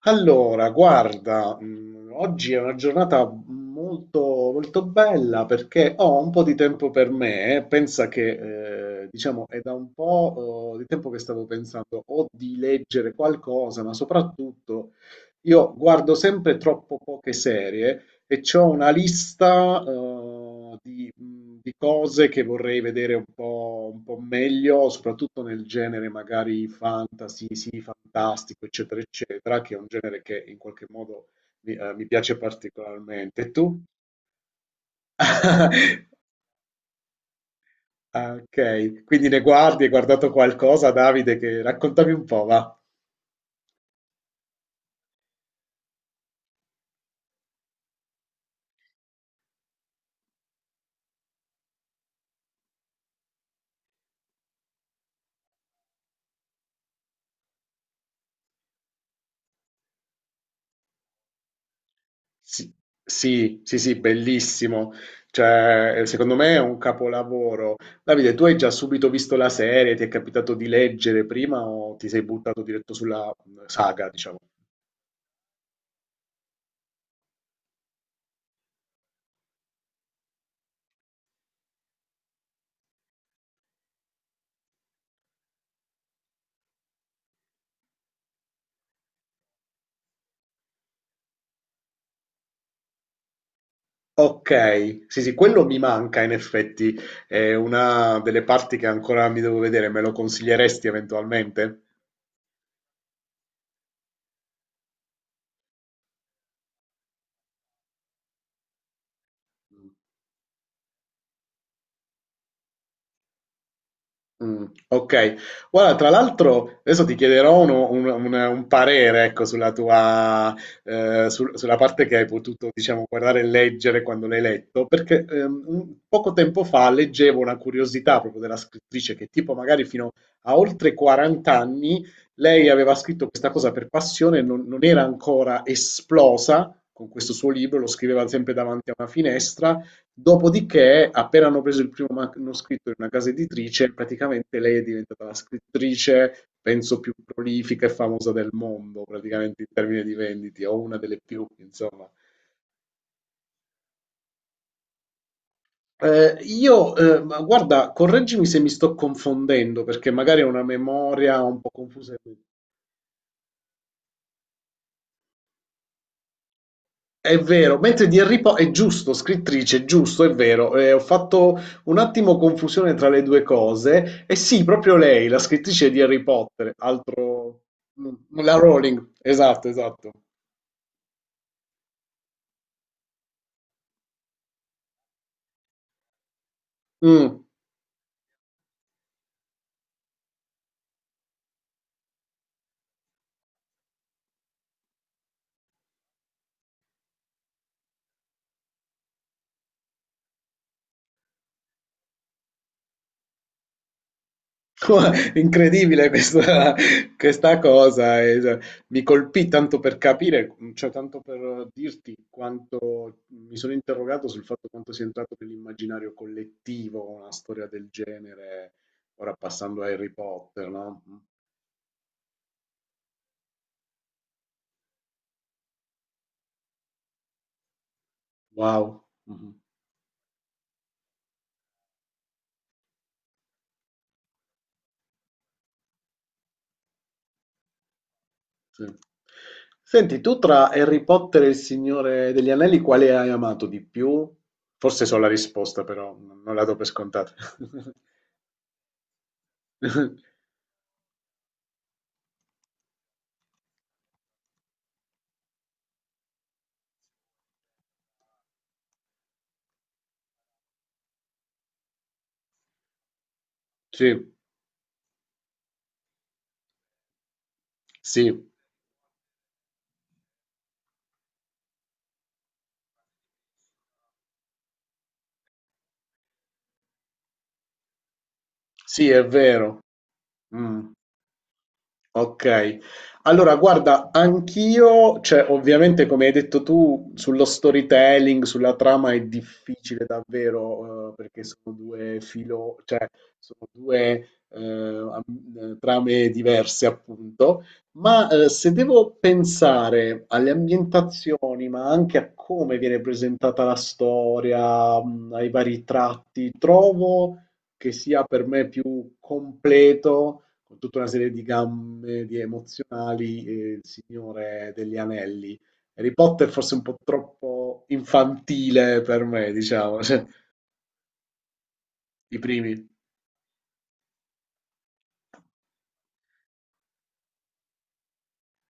Allora, guarda, oggi è una giornata molto, molto bella perché ho un po' di tempo per me. Pensa che, diciamo, è da un po', di tempo che stavo pensando o di leggere qualcosa, ma soprattutto io guardo sempre troppo poche serie e c'ho una lista, di cose che vorrei vedere un po' meglio, soprattutto nel genere magari fantasy, sì, fantastico, eccetera, eccetera, che è un genere che in qualche modo mi piace particolarmente. E tu? Ah, okay. Quindi ne guardi hai guardato qualcosa, Davide, che raccontami un po', va. Sì, sì, sì, sì, bellissimo. Cioè, secondo me è un capolavoro. Davide, tu hai già subito visto la serie? Ti è capitato di leggere prima o ti sei buttato diretto sulla saga, diciamo? Ok, sì, sì, quello mi manca in effetti. È una delle parti che ancora mi devo vedere. Me lo consiglieresti eventualmente? Okay. Guarda, tra l'altro adesso ti chiederò uno un parere, ecco, sulla tua sulla parte che hai potuto, diciamo, guardare e leggere quando l'hai letto, perché, un poco tempo fa leggevo una curiosità proprio della scrittrice che tipo magari fino a oltre 40 anni lei aveva scritto questa cosa per passione, non era ancora esplosa con questo suo libro, lo scriveva sempre davanti a una finestra. Dopodiché, appena hanno preso il primo manoscritto in una casa editrice, praticamente lei è diventata la scrittrice, penso, più prolifica e famosa del mondo, praticamente in termini di vendite, o una delle più, insomma. Ma guarda, correggimi se mi sto confondendo, perché magari ho una memoria un po' confusa e È vero, mentre di Harry Potter è giusto, scrittrice, è giusto, è vero. Ho fatto un attimo confusione tra le due cose. E sì, proprio lei, la scrittrice di Harry Potter, altro... mm, La Rowling, esatto, esatto. Mm. Incredibile questa, questa cosa, e, cioè, mi colpì tanto per capire, cioè tanto per dirti quanto mi sono interrogato sul fatto quanto sia entrato nell'immaginario collettivo una storia del genere, ora passando a Harry Potter, no? Wow. Mhm, sì. Senti, tu tra Harry Potter e il Signore degli Anelli, quale hai amato di più? Forse so la risposta, però non la do per scontata. Sì, sì. Sì, è vero. Mm. Okay. Allora guarda, anch'io cioè ovviamente come hai detto tu, sullo storytelling, sulla trama è difficile davvero, perché sono 2, am trame diverse appunto, ma, se devo pensare alle ambientazioni, ma anche a come viene presentata la storia, ai vari tratti, trovo che sia per me più completo con tutta una serie di gambe di emozionali, e il Signore degli Anelli. Harry Potter forse un po' troppo infantile per me, diciamo, cioè, i primi.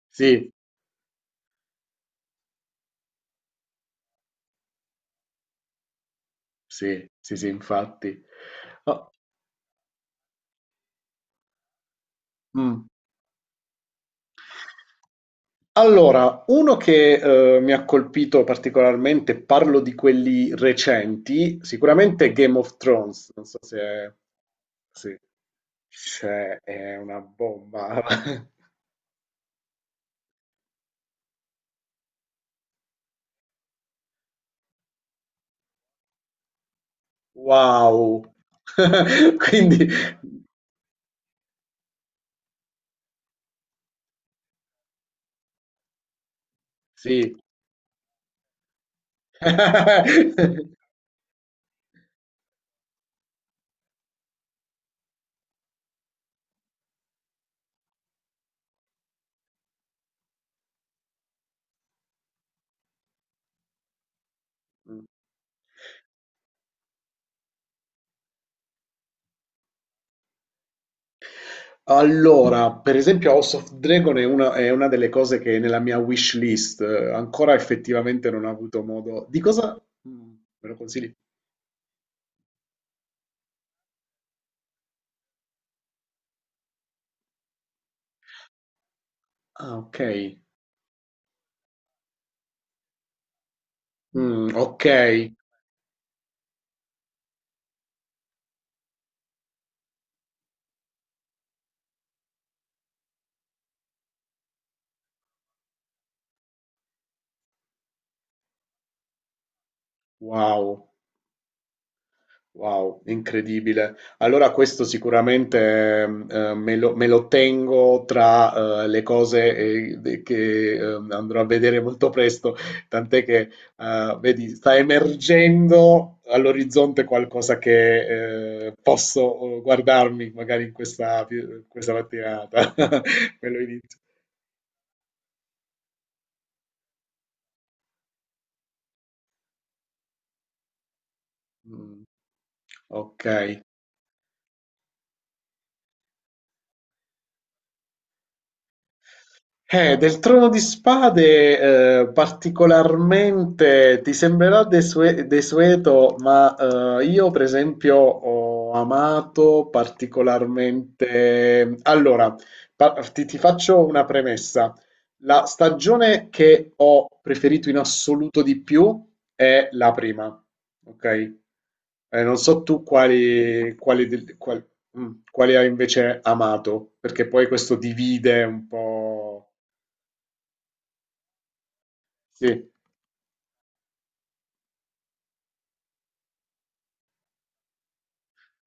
Sì, sì, sì, sì, infatti. Ah, mm. Allora, uno che mi ha colpito particolarmente, parlo di quelli recenti, sicuramente Game of Thrones, non so se, se- se è una bomba. Wow! Quindi sì. Mh. Allora, per esempio House of Dragon è una delle cose che è nella mia wish list ancora effettivamente non ho avuto modo di cosa me lo consigli? Ah okay. Okay. Wow. Wow, incredibile. Allora questo sicuramente me lo tengo tra le cose de- che andrò a vedere molto presto, tant'è che vedi, sta emergendo all'orizzonte qualcosa che posso guardarmi magari in questa mattinata. Me lo inizio. Mm, Ok. Del Trono di Spade, particolarmente ti sembrerà desueto, ma io per esempio ho amato particolarmente... Allora, ti faccio una premessa. La stagione che ho preferito in assoluto di più è la prima, ok? Non so tu quali, quali, del- qual- mm, quali hai invece amato, perché poi questo divide un po'. Sì,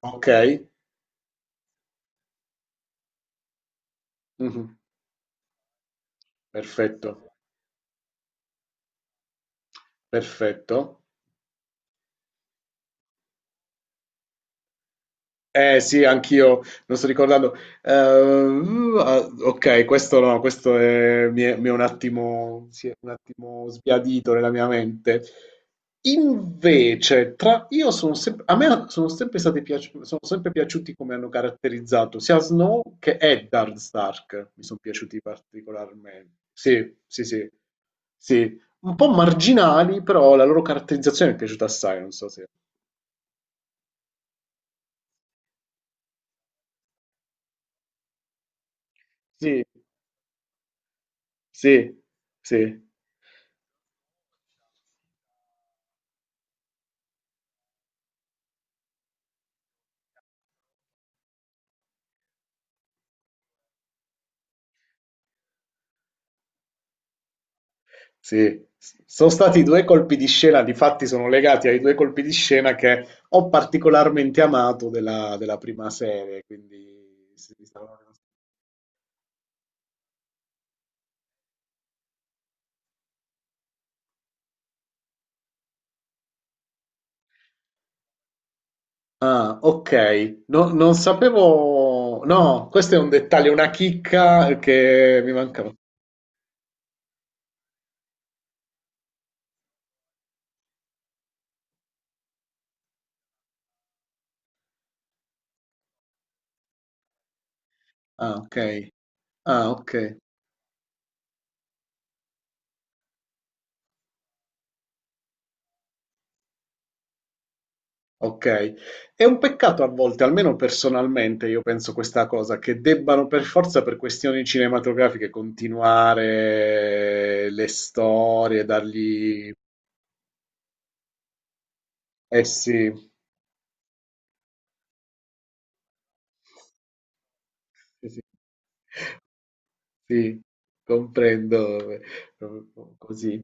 okay, mh-mh, perfetto, perfetto. Eh sì, anch'io, non sto ricordando. Ah, ok, questo no, questo è- mi è, mi è un attimo, si è un attimo sbiadito nella mia mente. Invece, io sono sempre, a me sono sempre sono sempre piaciuti come hanno caratterizzato sia Snow che Eddard Stark, mi sono piaciuti particolarmente. Sì, sì, sì, sì. Un po' marginali, però la loro caratterizzazione mi è piaciuta assai, non so se... Sì, sì, sì. Sì, sono stati due colpi di scena, difatti sono legati ai due colpi di scena che ho particolarmente amato della, della prima serie, quindi... sì, mi stavo- Ah, ok, non sapevo... No, questo è un dettaglio, una chicca che mi mancava. Ah, ok. Ah, ok. Okay. È un peccato a volte, almeno personalmente io penso questa cosa, che debbano per forza per questioni cinematografiche continuare le storie, dargli... Eh sì, sì, sì, sì, comprendo, così.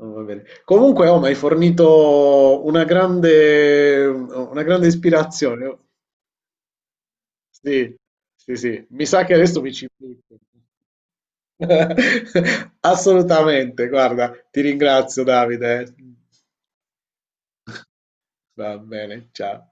Oh, va bene. Comunque, oh, mi hai fornito una grande ispirazione. Oh. Sì, sì, sì. Mi sa che adesso mi ci butto. Assolutamente, guarda, ti ringrazio Davide. Va bene, ciao.